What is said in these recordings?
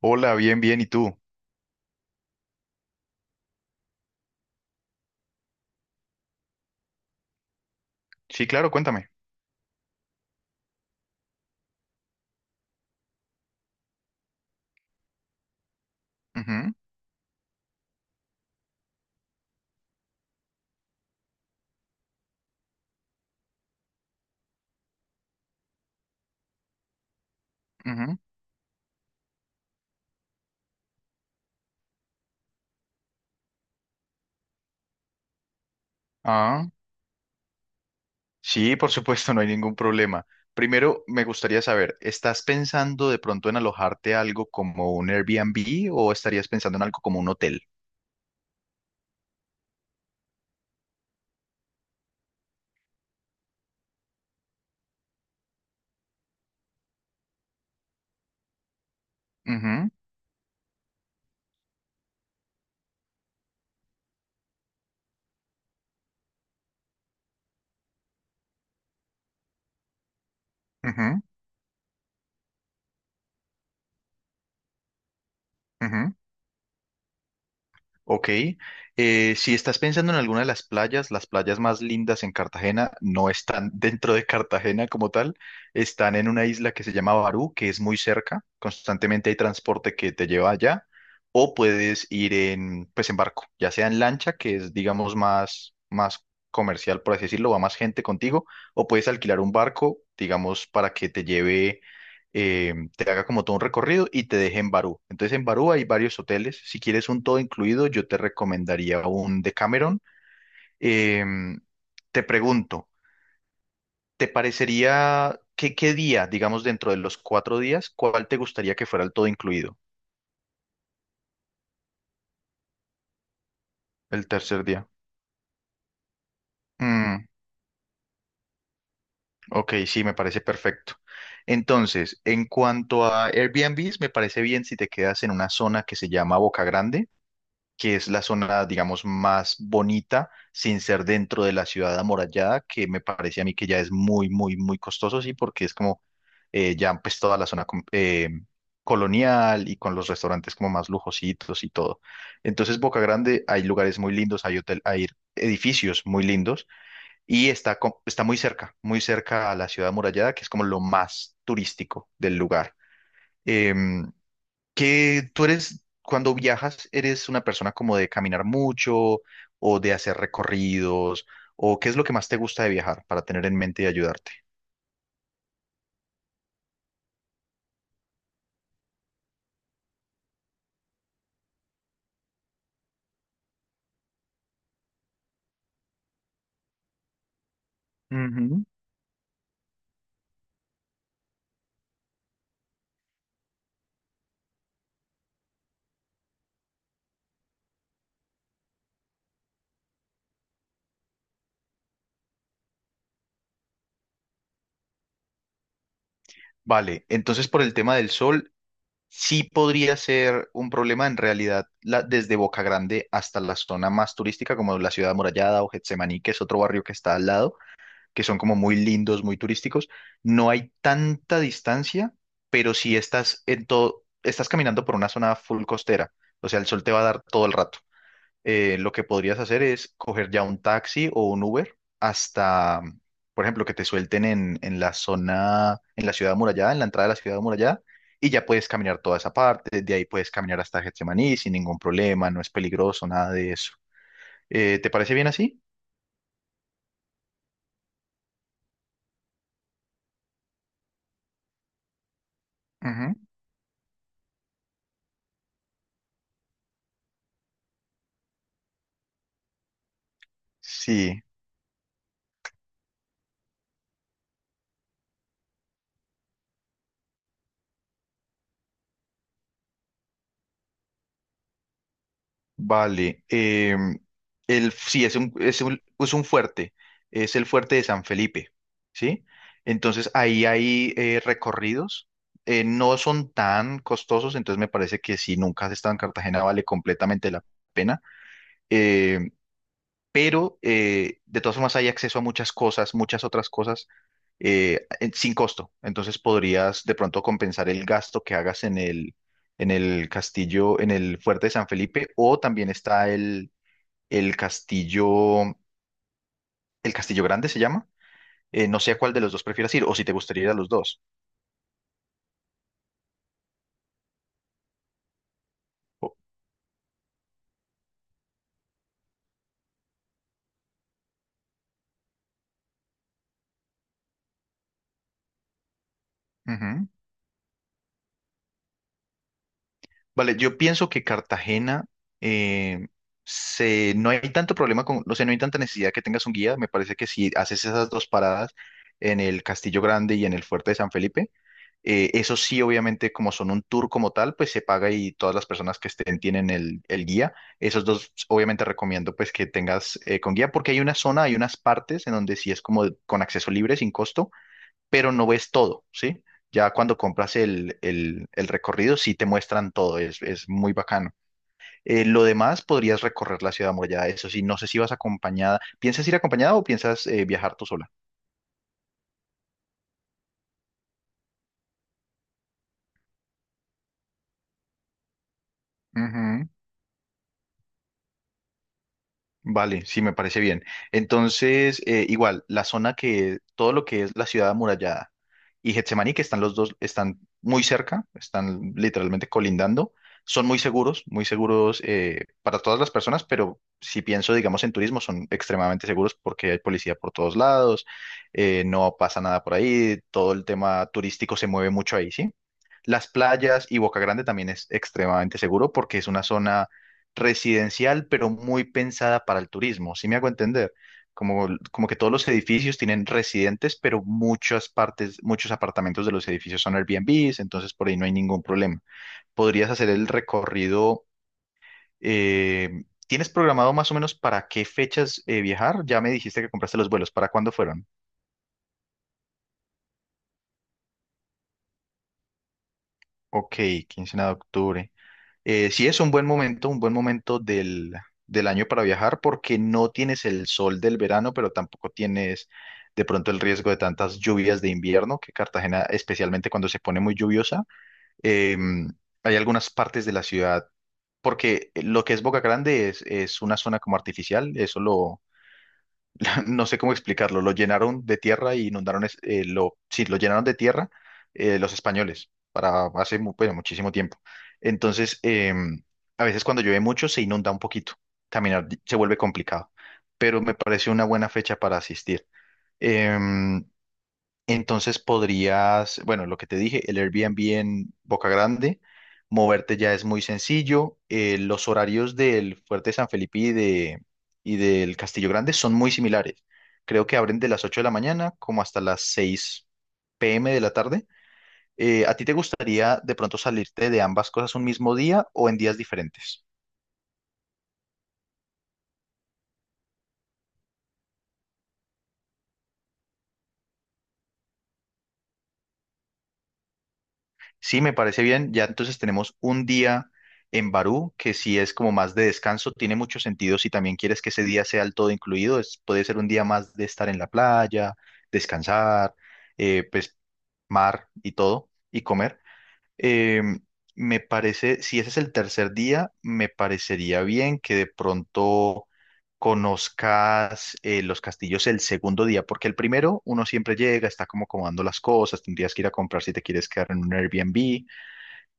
Hola, bien, bien, ¿y tú? Sí, claro, cuéntame. Ujú, ujú. Ah, sí, por supuesto, no hay ningún problema. Primero, me gustaría saber, ¿estás pensando de pronto en alojarte algo como un Airbnb o estarías pensando en algo como un hotel? Ujú, ujú, ujú. Ok, si estás pensando en alguna de las playas más lindas en Cartagena no están dentro de Cartagena como tal, están en una isla que se llama Barú, que es muy cerca, constantemente hay transporte que te lleva allá, o puedes ir en, pues en barco, ya sea en lancha, que es digamos más comercial, por así decirlo, va más gente contigo, o puedes alquilar un barco, digamos, para que te lleve, eh, te haga como todo un recorrido y te deje en Barú. Entonces en Barú hay varios hoteles. Si quieres un todo incluido, yo te recomendaría un Decameron. Em, te pregunto, ¿te parecería qué día, digamos dentro de los cuatro días, cuál te gustaría que fuera el todo incluido? El tercer día. Mm, ok, sí, me parece perfecto. Entonces, en cuanto a Airbnbs, me parece bien si te quedas en una zona que se llama Boca Grande, que es la zona, digamos, más bonita, sin ser dentro de la ciudad amurallada, que me parece a mí que ya es muy, muy, muy costoso, sí, porque es como ya pues toda la zona colonial y con los restaurantes como más lujositos y todo. Entonces, Boca Grande, hay lugares muy lindos, hay hotel, hay edificios muy lindos y está, está muy cerca a la ciudad amurallada, que es como lo más turístico del lugar. Em, que tú eres, cuando viajas, eres una persona como de caminar mucho o de hacer recorridos, o qué es lo que más te gusta de viajar para tener en mente y ayudarte. Ujú. Vale, entonces por el tema del sol, sí podría ser un problema en realidad desde Boca Grande hasta la zona más turística como la Ciudad Amurallada o Getsemaní, que es otro barrio que está al lado, que son como muy lindos, muy turísticos. No hay tanta distancia, pero si estás en todo, estás caminando por una zona full costera, o sea, el sol te va a dar todo el rato. Lo que podrías hacer es coger ya un taxi o un Uber hasta, por ejemplo, que te suelten en la zona, en la ciudad amurallada, en la entrada de la ciudad amurallada, y ya puedes caminar toda esa parte, de ahí puedes caminar hasta Getsemaní sin ningún problema, no es peligroso, nada de eso. ¿Te parece bien así? Ujú. Sí. Vale, sí, es un, es un fuerte, es el fuerte de San Felipe, ¿sí? Entonces ahí hay recorridos, no son tan costosos, entonces me parece que si nunca has estado en Cartagena vale completamente la pena, eh, pero de todas formas hay acceso a muchas cosas, muchas otras cosas sin costo, entonces podrías de pronto compensar el gasto que hagas en el castillo, en el fuerte de San Felipe, o también está el castillo, el castillo grande se llama. No sé a cuál de los dos prefieras ir o si te gustaría ir a los dos. O- Ujú. Vale, yo pienso que Cartagena eh, no hay tanto problema con, no sé, no hay tanta necesidad que tengas un guía. Me parece que si haces esas dos paradas en el Castillo Grande y en el Fuerte de San Felipe. Eso sí, obviamente, como son un tour como tal, pues se paga y todas las personas que estén tienen el guía. Esos dos, obviamente, recomiendo pues que tengas con guía, porque hay una zona, hay unas partes en donde sí es como con acceso libre, sin costo, pero no ves todo, ¿sí? Ya cuando compras el recorrido, sí te muestran todo, es muy bacano. Lo demás, podrías recorrer la ciudad amurallada, eso sí, no sé si vas acompañada. ¿Piensas ir acompañada o piensas viajar tú sola? Ujú. Vale, sí, me parece bien. Entonces, igual, la zona que, todo lo que es la ciudad amurallada y Getsemaní, que están los dos, están muy cerca, están literalmente colindando, son muy seguros para todas las personas, pero si pienso, digamos, en turismo, son extremadamente seguros porque hay policía por todos lados, no pasa nada por ahí, todo el tema turístico se mueve mucho ahí, ¿sí? Las playas y Boca Grande también es extremadamente seguro porque es una zona residencial, pero muy pensada para el turismo. ¿Sí me hago entender? Como, como que todos los edificios tienen residentes, pero muchas partes, muchos apartamentos de los edificios son Airbnbs, entonces por ahí no hay ningún problema. Podrías hacer el recorrido. ¿Tienes programado más o menos para qué fechas viajar? Ya me dijiste que compraste los vuelos. ¿Para cuándo fueron? Ok, quincena de octubre. Sí es un buen momento del año para viajar porque no tienes el sol del verano, pero tampoco tienes de pronto el riesgo de tantas lluvias de invierno, que Cartagena, especialmente cuando se pone muy lluviosa, eh, hay algunas partes de la ciudad, porque lo que es Boca Grande es una zona como artificial, eso no sé cómo explicarlo, lo llenaron de tierra y inundaron, sí, lo llenaron de tierra los españoles para bueno, muchísimo tiempo. Entonces, a veces cuando llueve mucho se inunda un poquito, caminar se vuelve complicado, pero me pareció una buena fecha para asistir. Em, entonces podrías, bueno, lo que te dije, el Airbnb en Boca Grande, moverte ya es muy sencillo. Los horarios del Fuerte San Felipe y del Castillo Grande son muy similares. Creo que abren de las 8 de la mañana como hasta las 6 p.m. de la tarde. ¿A ti te gustaría de pronto salirte de ambas cosas un mismo día o en días diferentes? Sí, me parece bien. Ya entonces tenemos un día en Barú, que si es como más de descanso, tiene mucho sentido. Si también quieres que ese día sea el todo incluido, es, puede ser un día más de estar en la playa, descansar, pues mar y todo, y comer. Em, me parece, si ese es el tercer día, me parecería bien que de pronto conozcas los castillos el segundo día, porque el primero uno siempre llega, está como acomodando las cosas, tendrías que ir a comprar si te quieres quedar en un Airbnb.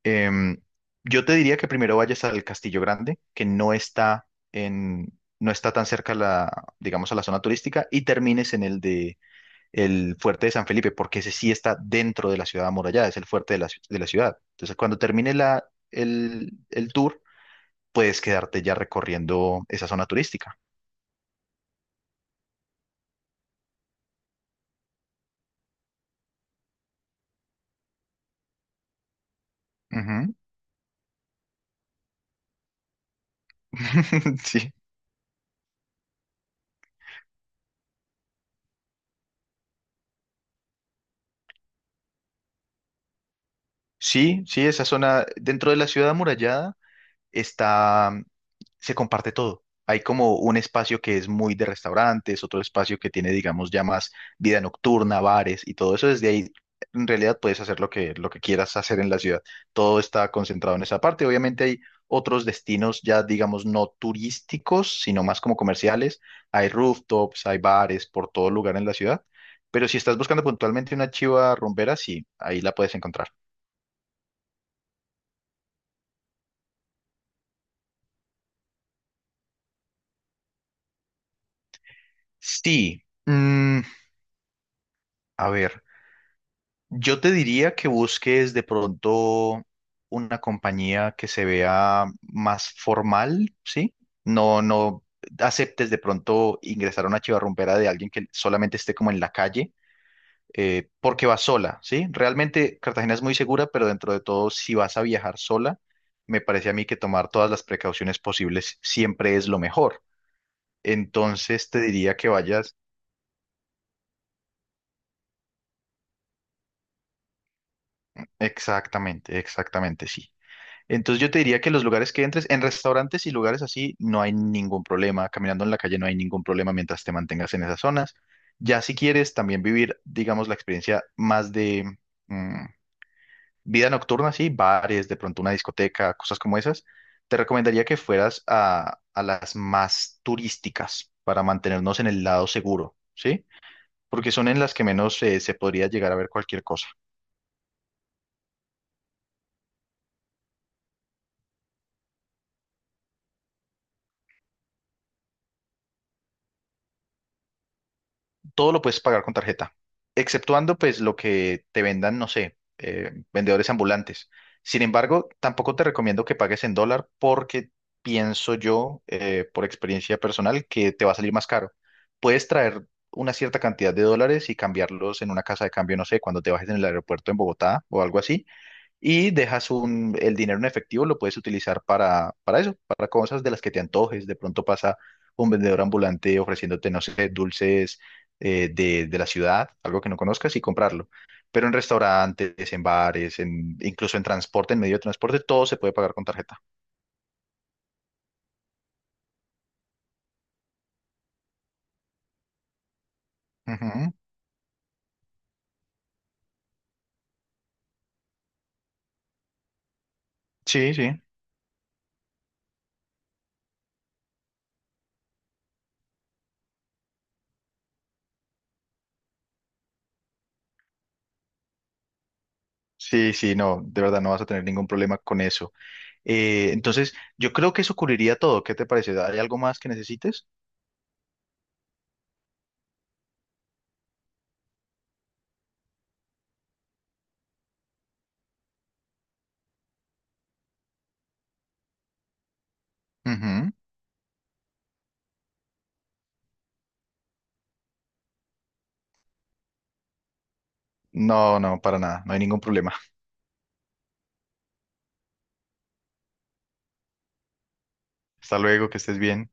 Em, yo te diría que primero vayas al Castillo Grande, que no está en, no está tan cerca a digamos, a la zona turística, y termines en el de el Fuerte de San Felipe, porque ese sí está dentro de la ciudad amurallada, es el fuerte de de la ciudad. Entonces, cuando termine el tour, puedes quedarte ya recorriendo esa zona turística. Ujú. Sí. Sí, sí, esa zona dentro de la ciudad amurallada está, se comparte todo. Hay como un espacio que es muy de restaurantes, otro espacio que tiene, digamos, ya más vida nocturna, bares y todo eso. Desde ahí, en realidad, puedes hacer lo que quieras hacer en la ciudad. Todo está concentrado en esa parte. Obviamente hay otros destinos ya, digamos, no turísticos, sino más como comerciales. Hay rooftops, hay bares por todo lugar en la ciudad. Pero si estás buscando puntualmente una chiva rumbera, sí, ahí la puedes encontrar. Sí. A ver. Yo te diría que busques de pronto una compañía que se vea más formal, ¿sí? No, no aceptes de pronto ingresar a una chivarrumbera de alguien que solamente esté como en la calle, porque va sola, ¿sí? Realmente Cartagena es muy segura, pero dentro de todo, si vas a viajar sola, me parece a mí que tomar todas las precauciones posibles siempre es lo mejor. Entonces te diría que vayas. Exactamente, exactamente, sí. Entonces yo te diría que los lugares que entres, en restaurantes y lugares así, no hay ningún problema. Caminando en la calle no hay ningún problema mientras te mantengas en esas zonas. Ya si quieres también vivir, digamos, la experiencia más de mm, vida nocturna, sí, bares, de pronto una discoteca, cosas como esas, te recomendaría que fueras a las más turísticas para mantenernos en el lado seguro, ¿sí? Porque son en las que menos se podría llegar a ver cualquier cosa. Todo lo puedes pagar con tarjeta, exceptuando pues lo que te vendan, no sé, vendedores ambulantes. Sin embargo, tampoco te recomiendo que pagues en dólar porque pienso yo, por experiencia personal, que te va a salir más caro. Puedes traer una cierta cantidad de dólares y cambiarlos en una casa de cambio, no sé, cuando te bajes en el aeropuerto en Bogotá o algo así, y dejas un, el dinero en efectivo, lo puedes utilizar para eso, para cosas de las que te antojes. De pronto pasa un vendedor ambulante ofreciéndote, no sé, dulces de la ciudad, algo que no conozcas y comprarlo. Pero en restaurantes, en bares, incluso en transporte, en medio de transporte, todo se puede pagar con tarjeta. Ujú. Sí, sí. Sí, sí, no, de verdad no vas a tener ningún problema con eso. Entonces, yo creo que eso cubriría todo. ¿Qué te parece? ¿Hay algo más que necesites? Ujú. No, no, para nada, no hay ningún problema. Hasta luego, que estés bien.